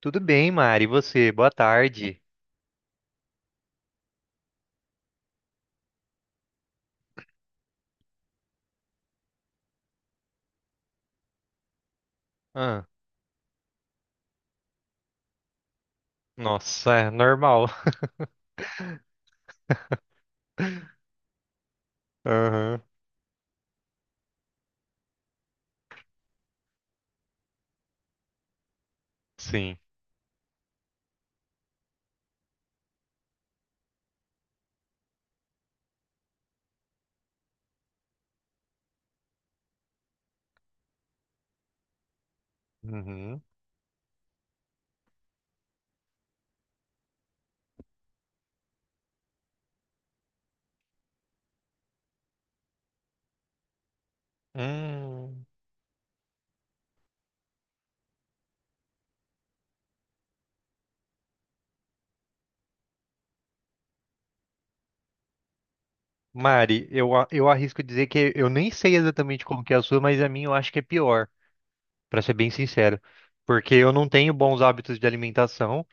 Tudo bem, Mari? E você? Boa tarde. Ah, nossa, é normal. Aham, sim. Uhum. Hum. Mari, eu arrisco dizer que eu nem sei exatamente como que é a sua, mas a minha eu acho que é pior, pra ser bem sincero. Porque eu não tenho bons hábitos de alimentação.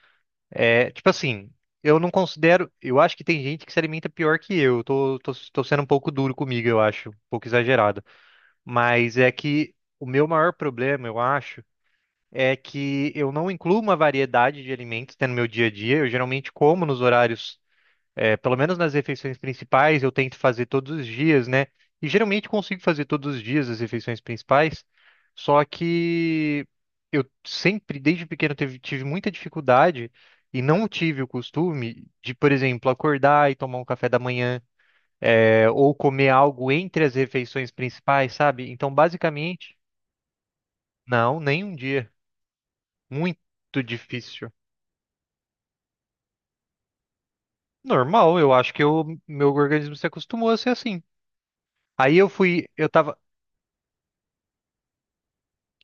Tipo assim, eu não considero. Eu acho que tem gente que se alimenta pior que eu. Eu Tô sendo um pouco duro comigo, eu acho, um pouco exagerado. Mas é que o meu maior problema, eu acho, é que eu não incluo uma variedade de alimentos, né, no meu dia a dia. Eu geralmente como nos horários, pelo menos nas refeições principais, eu tento fazer todos os dias, né? E geralmente consigo fazer todos os dias as refeições principais, só que eu sempre, desde pequeno, tive muita dificuldade e não tive o costume de, por exemplo, acordar e tomar um café da manhã, ou comer algo entre as refeições principais, sabe? Então, basicamente, não, nem um dia. Muito difícil. Normal, eu acho que o meu organismo se acostumou a ser assim. Aí eu fui, eu tava,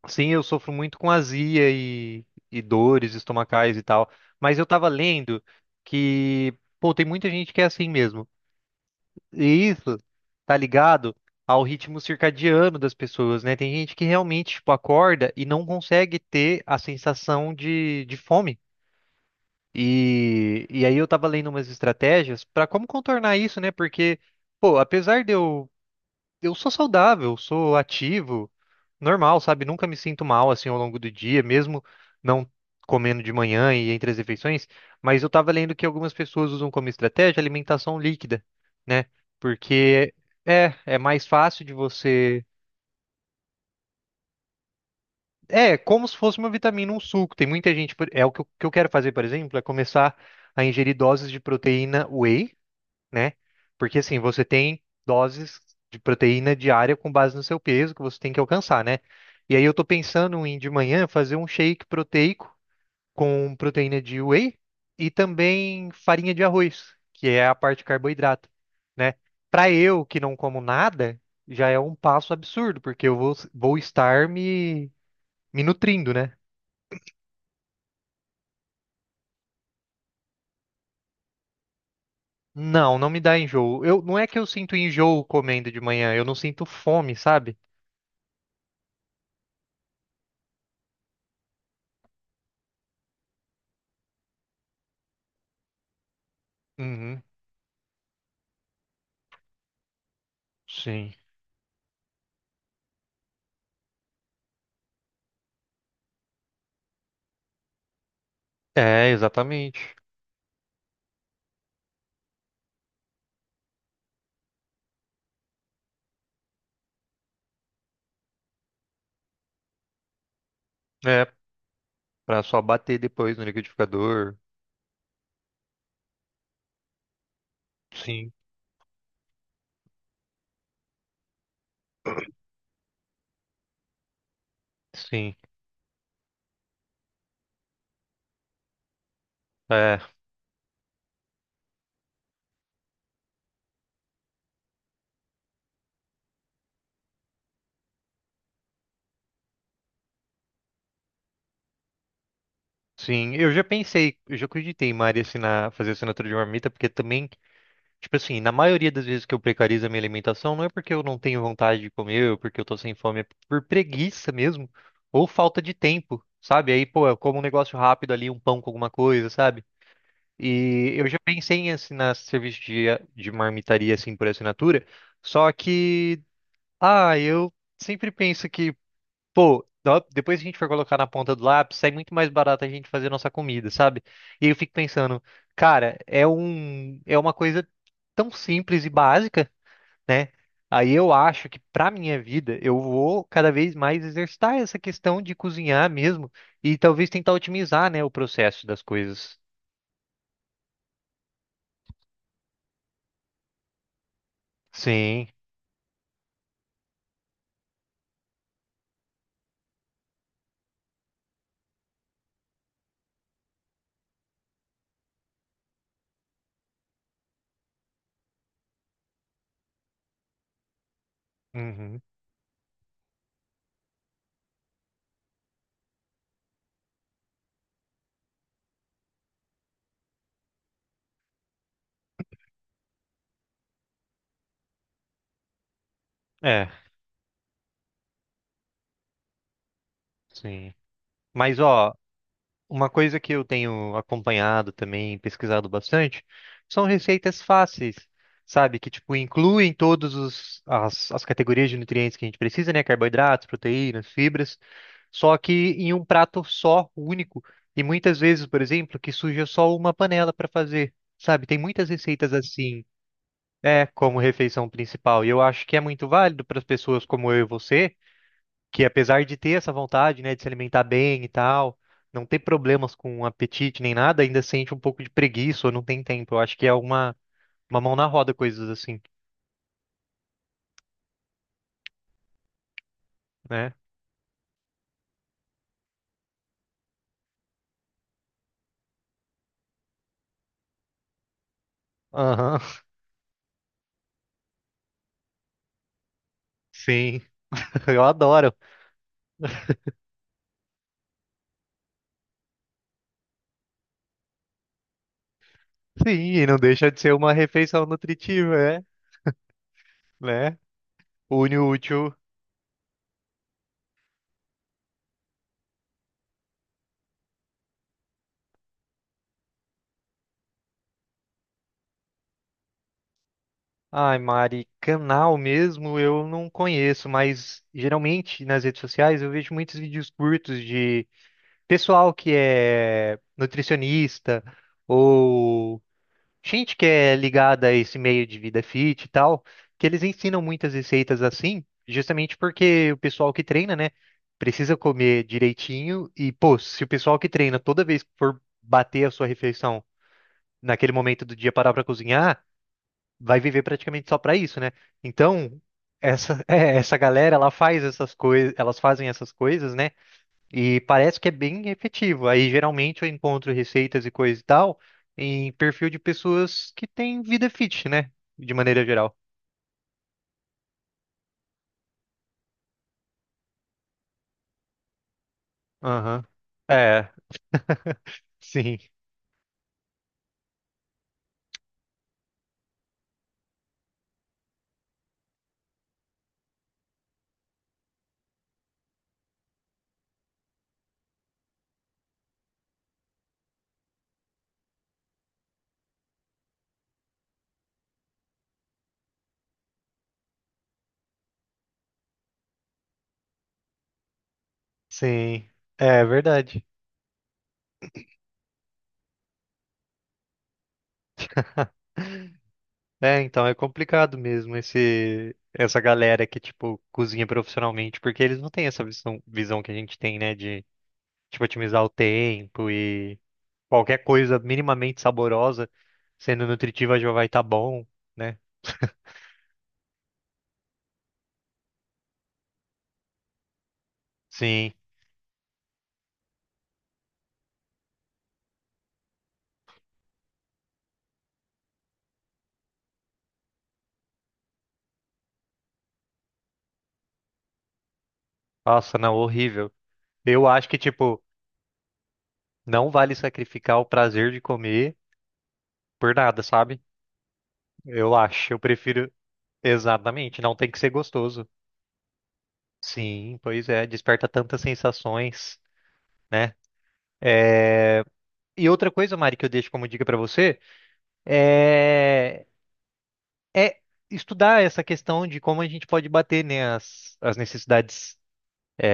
sim, eu sofro muito com azia e dores estomacais e tal, mas eu tava lendo que, pô, tem muita gente que é assim mesmo. E isso tá ligado ao ritmo circadiano das pessoas, né? Tem gente que realmente, tipo, acorda e não consegue ter a sensação de fome. E aí eu tava lendo umas estratégias pra como contornar isso, né? Porque, pô, apesar de eu sou saudável, sou ativo, normal, sabe? Nunca me sinto mal assim ao longo do dia, mesmo não comendo de manhã e entre as refeições. Mas eu tava lendo que algumas pessoas usam como estratégia alimentação líquida, né? Porque é, é mais fácil de você. É, como se fosse uma vitamina, um suco. Tem muita gente. É o que eu quero fazer, por exemplo, é começar a ingerir doses de proteína whey, né? Porque assim, você tem doses de proteína diária com base no seu peso que você tem que alcançar, né? E aí eu tô pensando em de manhã fazer um shake proteico com proteína de whey e também farinha de arroz, que é a parte de carboidrato, né? Para eu que não como nada, já é um passo absurdo, porque eu vou, vou estar me, me nutrindo, né? Não, não me dá enjoo. Eu, não é que eu sinto enjoo comendo de manhã, eu não sinto fome, sabe? Uhum, sim. É, exatamente. É, pra só bater depois no liquidificador. Sim, sim. É, sim. Eu já pensei, eu já acreditei, em Mari assinar, fazer assinatura de marmita, porque também, tipo assim, na maioria das vezes que eu precarizo a minha alimentação, não é porque eu não tenho vontade de comer, ou porque eu tô sem fome, é por preguiça mesmo, ou falta de tempo, sabe? Aí, pô, eu como um negócio rápido ali, um pão com alguma coisa, sabe? E eu já pensei em assinar serviço de marmitaria, assim, por assinatura, só que. Ah, eu sempre penso que, pô, dó- depois que a gente for colocar na ponta do lápis, sai muito mais barato a gente fazer nossa comida, sabe? E eu fico pensando, cara, é um, é uma coisa tão simples e básica, né? Aí eu acho que pra minha vida eu vou cada vez mais exercitar essa questão de cozinhar mesmo e talvez tentar otimizar, né, o processo das coisas. Sim. Uhum. É, sim. Mas ó, uma coisa que eu tenho acompanhado também, pesquisado bastante, são receitas fáceis, sabe? Que, tipo, incluem todas as, as categorias de nutrientes que a gente precisa, né? Carboidratos, proteínas, fibras, só que em um prato só, único. E muitas vezes, por exemplo, que suja só uma panela para fazer, sabe? Tem muitas receitas assim, é, como refeição principal. E eu acho que é muito válido para as pessoas como eu e você que, apesar de ter essa vontade, né, de se alimentar bem e tal, não ter problemas com apetite nem nada, ainda sente um pouco de preguiça ou não tem tempo. Eu acho que é uma mão na roda, coisas assim, né? Aham, sim, eu adoro. Sim, e não deixa de ser uma refeição nutritiva, é, né? Une o útil. Ai, Mari, canal mesmo eu não conheço, mas geralmente nas redes sociais eu vejo muitos vídeos curtos de pessoal que é nutricionista ou gente que é ligada a esse meio de vida fit e tal, que eles ensinam muitas receitas assim, justamente porque o pessoal que treina, né, precisa comer direitinho e, pô, se o pessoal que treina toda vez que for bater a sua refeição naquele momento do dia parar pra cozinhar, vai viver praticamente só pra isso, né? Então, essa é, essa galera, ela faz essas coisas, elas fazem essas coisas, né? E parece que é bem efetivo. Aí geralmente eu encontro receitas e coisa e tal em perfil de pessoas que têm vida fit, né? De maneira geral. Aham. É, sim, sim. É verdade. É, então é complicado mesmo esse essa galera que tipo cozinha profissionalmente, porque eles não têm essa visão que a gente tem, né, de tipo otimizar o tempo e qualquer coisa minimamente saborosa, sendo nutritiva já vai estar bom, né? Sim. Nossa, não, horrível. Eu acho que, tipo, não vale sacrificar o prazer de comer por nada, sabe? Eu acho. Eu prefiro. Exatamente, não tem que ser gostoso. Sim, pois é, desperta tantas sensações, né? E outra coisa, Mari, que eu deixo como dica pra você é, é estudar essa questão de como a gente pode bater, né, as necessidades,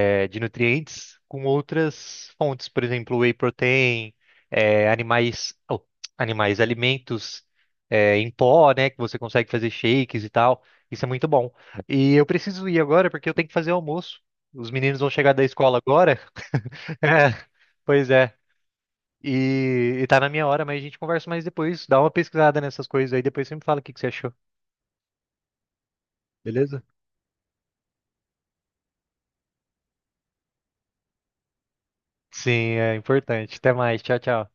é, de nutrientes com outras fontes, por exemplo, whey protein, é, animais, oh, animais, alimentos, é, em pó, né, que você consegue fazer shakes e tal. Isso é muito bom. E eu preciso ir agora porque eu tenho que fazer o almoço. Os meninos vão chegar da escola agora. É, pois é. E tá na minha hora, mas a gente conversa mais depois. Dá uma pesquisada nessas coisas aí, depois você me fala o que que você achou, beleza? Sim, é importante. Até mais. Tchau, tchau.